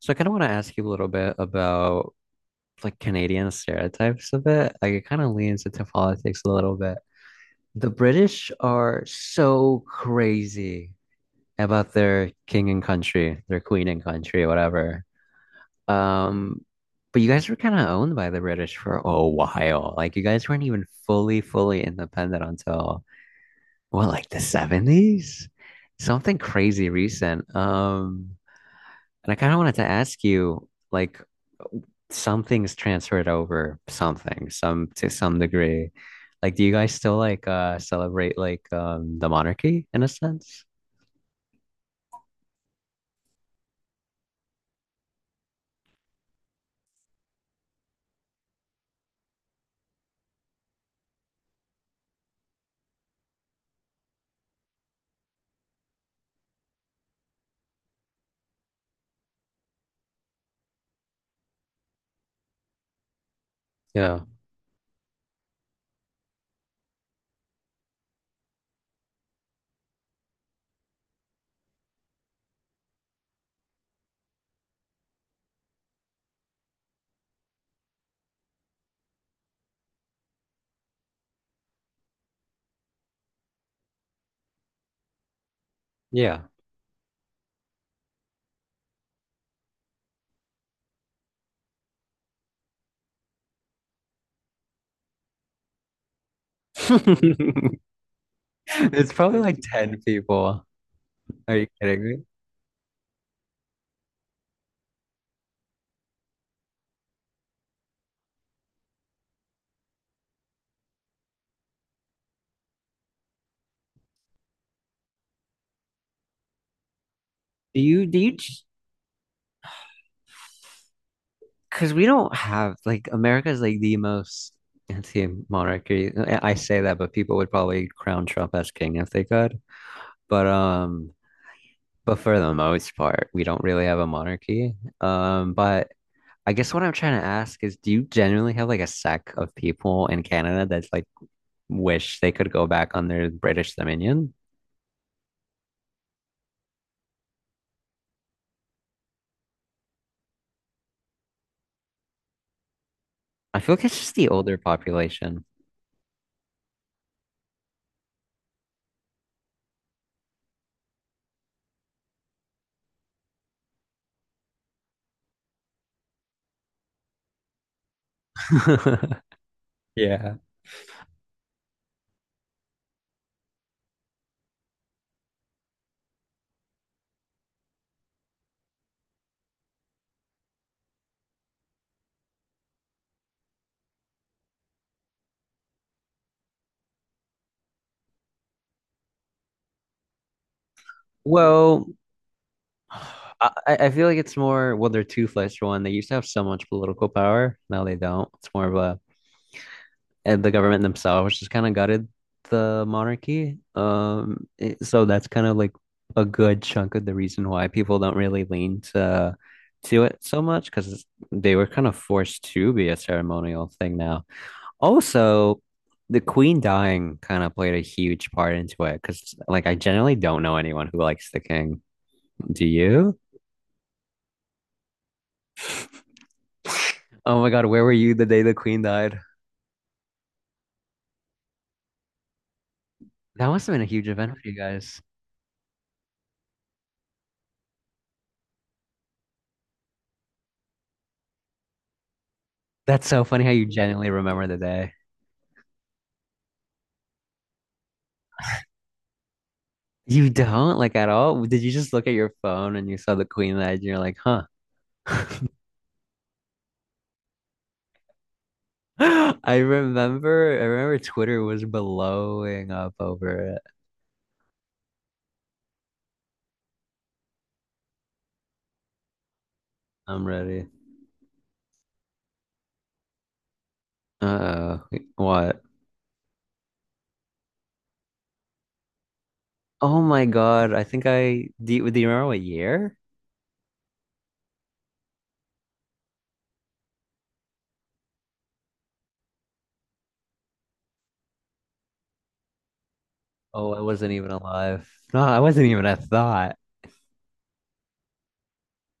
So I kind of want to ask you a little bit about like Canadian stereotypes a bit. Like it kind of leans into politics a little bit. The British are so crazy about their king and country, their queen and country, whatever. Um, but you guys were kind of owned by the British for a while. Like you guys weren't even fully, fully independent until what, like the 70s? Something crazy recent. And I kind of wanted to ask you, like something's transferred over something, some to some degree. Like, do you guys still like celebrate like the monarchy in a sense? Yeah. Yeah. It's probably like 10 people. Are you kidding me? Do you because we don't have like, America is like the most anti-monarchy. I say that, but people would probably crown Trump as king if they could. But um but for the most part, we don't really have a monarchy. But I guess what I'm trying to ask is, do you generally have like a sect of people in Canada that's like wish they could go back on their British Dominion? I feel like it's just the older population. Yeah. Well, I feel like it's more, well, they're toothless for one. They used to have so much political power. Now they don't. It's more of, and the government themselves just kind of gutted the monarchy. So that's kind of like a good chunk of the reason why people don't really lean to it so much because they were kind of forced to be a ceremonial thing now. Also, the queen dying kind of played a huge part into it because like I generally don't know anyone who likes the king. Do you? Oh my God, where were you the day the queen died? That must have been a huge event for you guys. That's so funny how you genuinely remember the day. You don't, like, at all? Did you just look at your phone and you saw the Queen Edge and you're like, huh? I remember Twitter was blowing up over it. I'm ready. Uh, what? Oh my God. Do you remember what year? Oh, I wasn't even alive. No, I wasn't even a thought.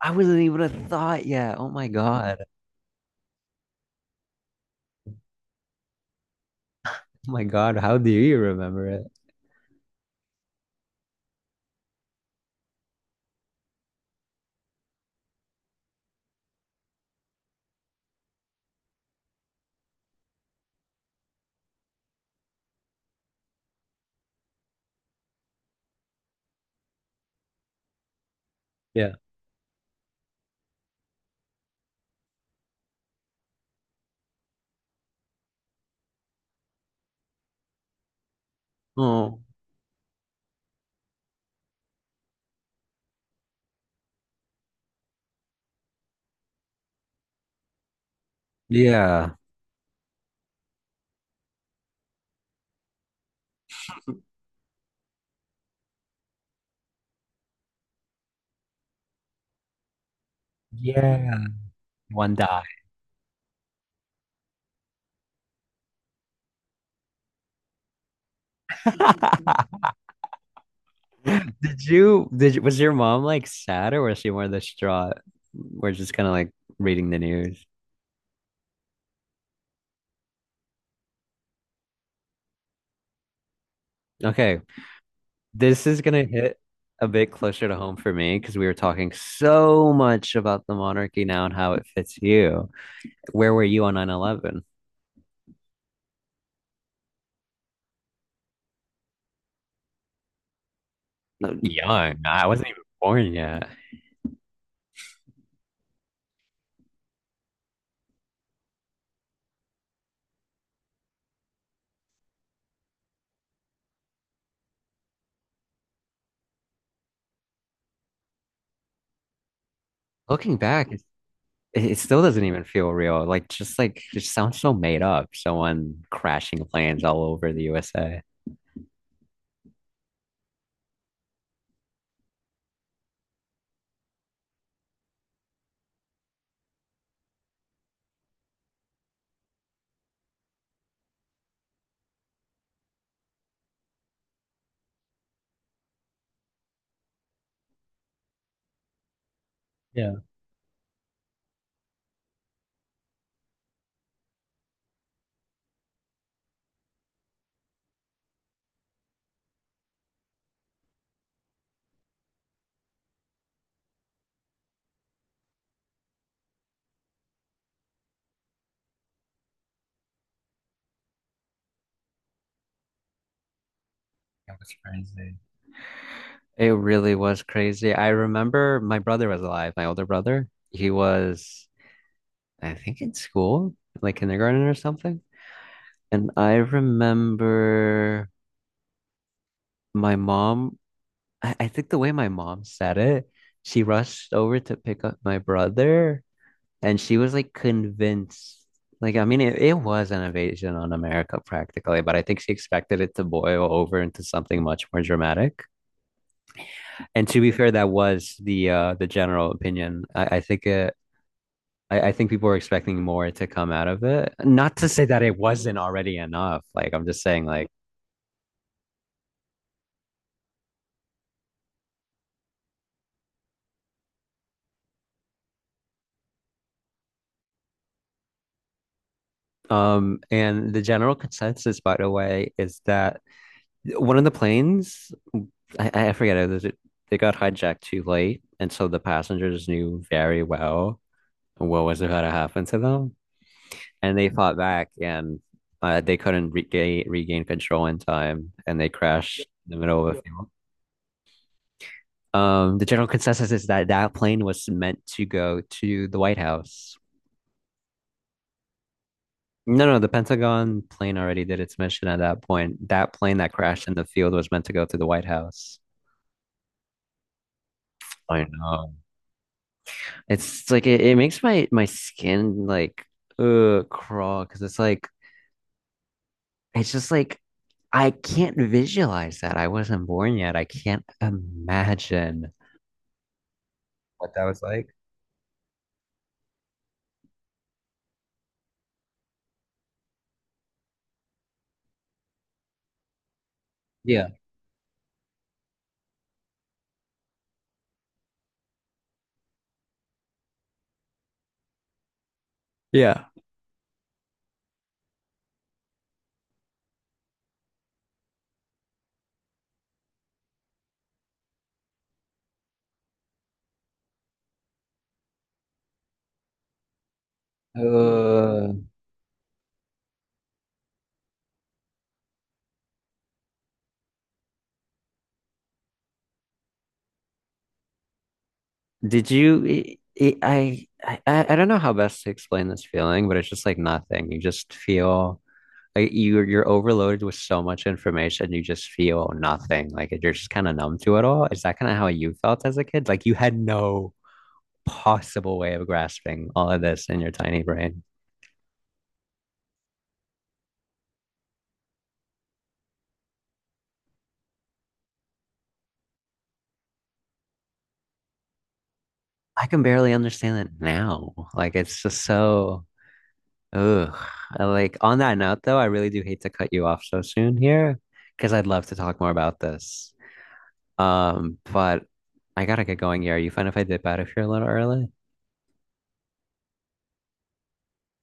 I wasn't even a thought yet. Oh my God. Oh my God. How do you remember it? Yeah. Oh, yeah. Yeah. One die. Was your mom like sad or was she more distraught? We're just kind of like reading the news. Okay, this is gonna hit a bit closer to home for me because we were talking so much about the monarchy now and how it fits you. Where were you on 9/11? No, Young. I wasn't even born yet. Looking back, it still doesn't even feel real. Like just like it sounds so made up. Someone crashing planes all over the USA. It was crazy. It really was crazy. I remember my brother was alive, my older brother. He was, I think, in school, like kindergarten or something. And I remember my mom, I think the way my mom said it, she rushed over to pick up my brother and she was like convinced. Like, I mean, it was an invasion on America practically, but I think she expected it to boil over into something much more dramatic. And to be fair, that was the general opinion. I think I think people were expecting more to come out of it. Not to say that it wasn't already enough. Like I'm just saying, like and the general consensus, by the way, is that one of the planes, I forget, it was they got hijacked too late, and so the passengers knew very well what was about to happen to them, and they fought back, and they couldn't regain control in time, and they crashed in the middle of a field. The general consensus is that that plane was meant to go to the White House. No, no, the Pentagon plane already did its mission at that point. That plane that crashed in the field was meant to go to the White House. I know. It makes my skin like crawl because it's like it's just like I can't visualize that. I wasn't born yet. I can't imagine what that was like. Yeah. Yeah. Uh, did you? It, I don't know how best to explain this feeling, but it's just like nothing. You just feel like you're overloaded with so much information. You just feel nothing. Like you're just kind of numb to it all. Is that kind of how you felt as a kid? Like you had no possible way of grasping all of this in your tiny brain. I can barely understand it now. Like it's just so. Ugh. Like on that note, though, I really do hate to cut you off so soon here because I'd love to talk more about this. But I gotta get going here. Are you fine if I dip out of here a little early?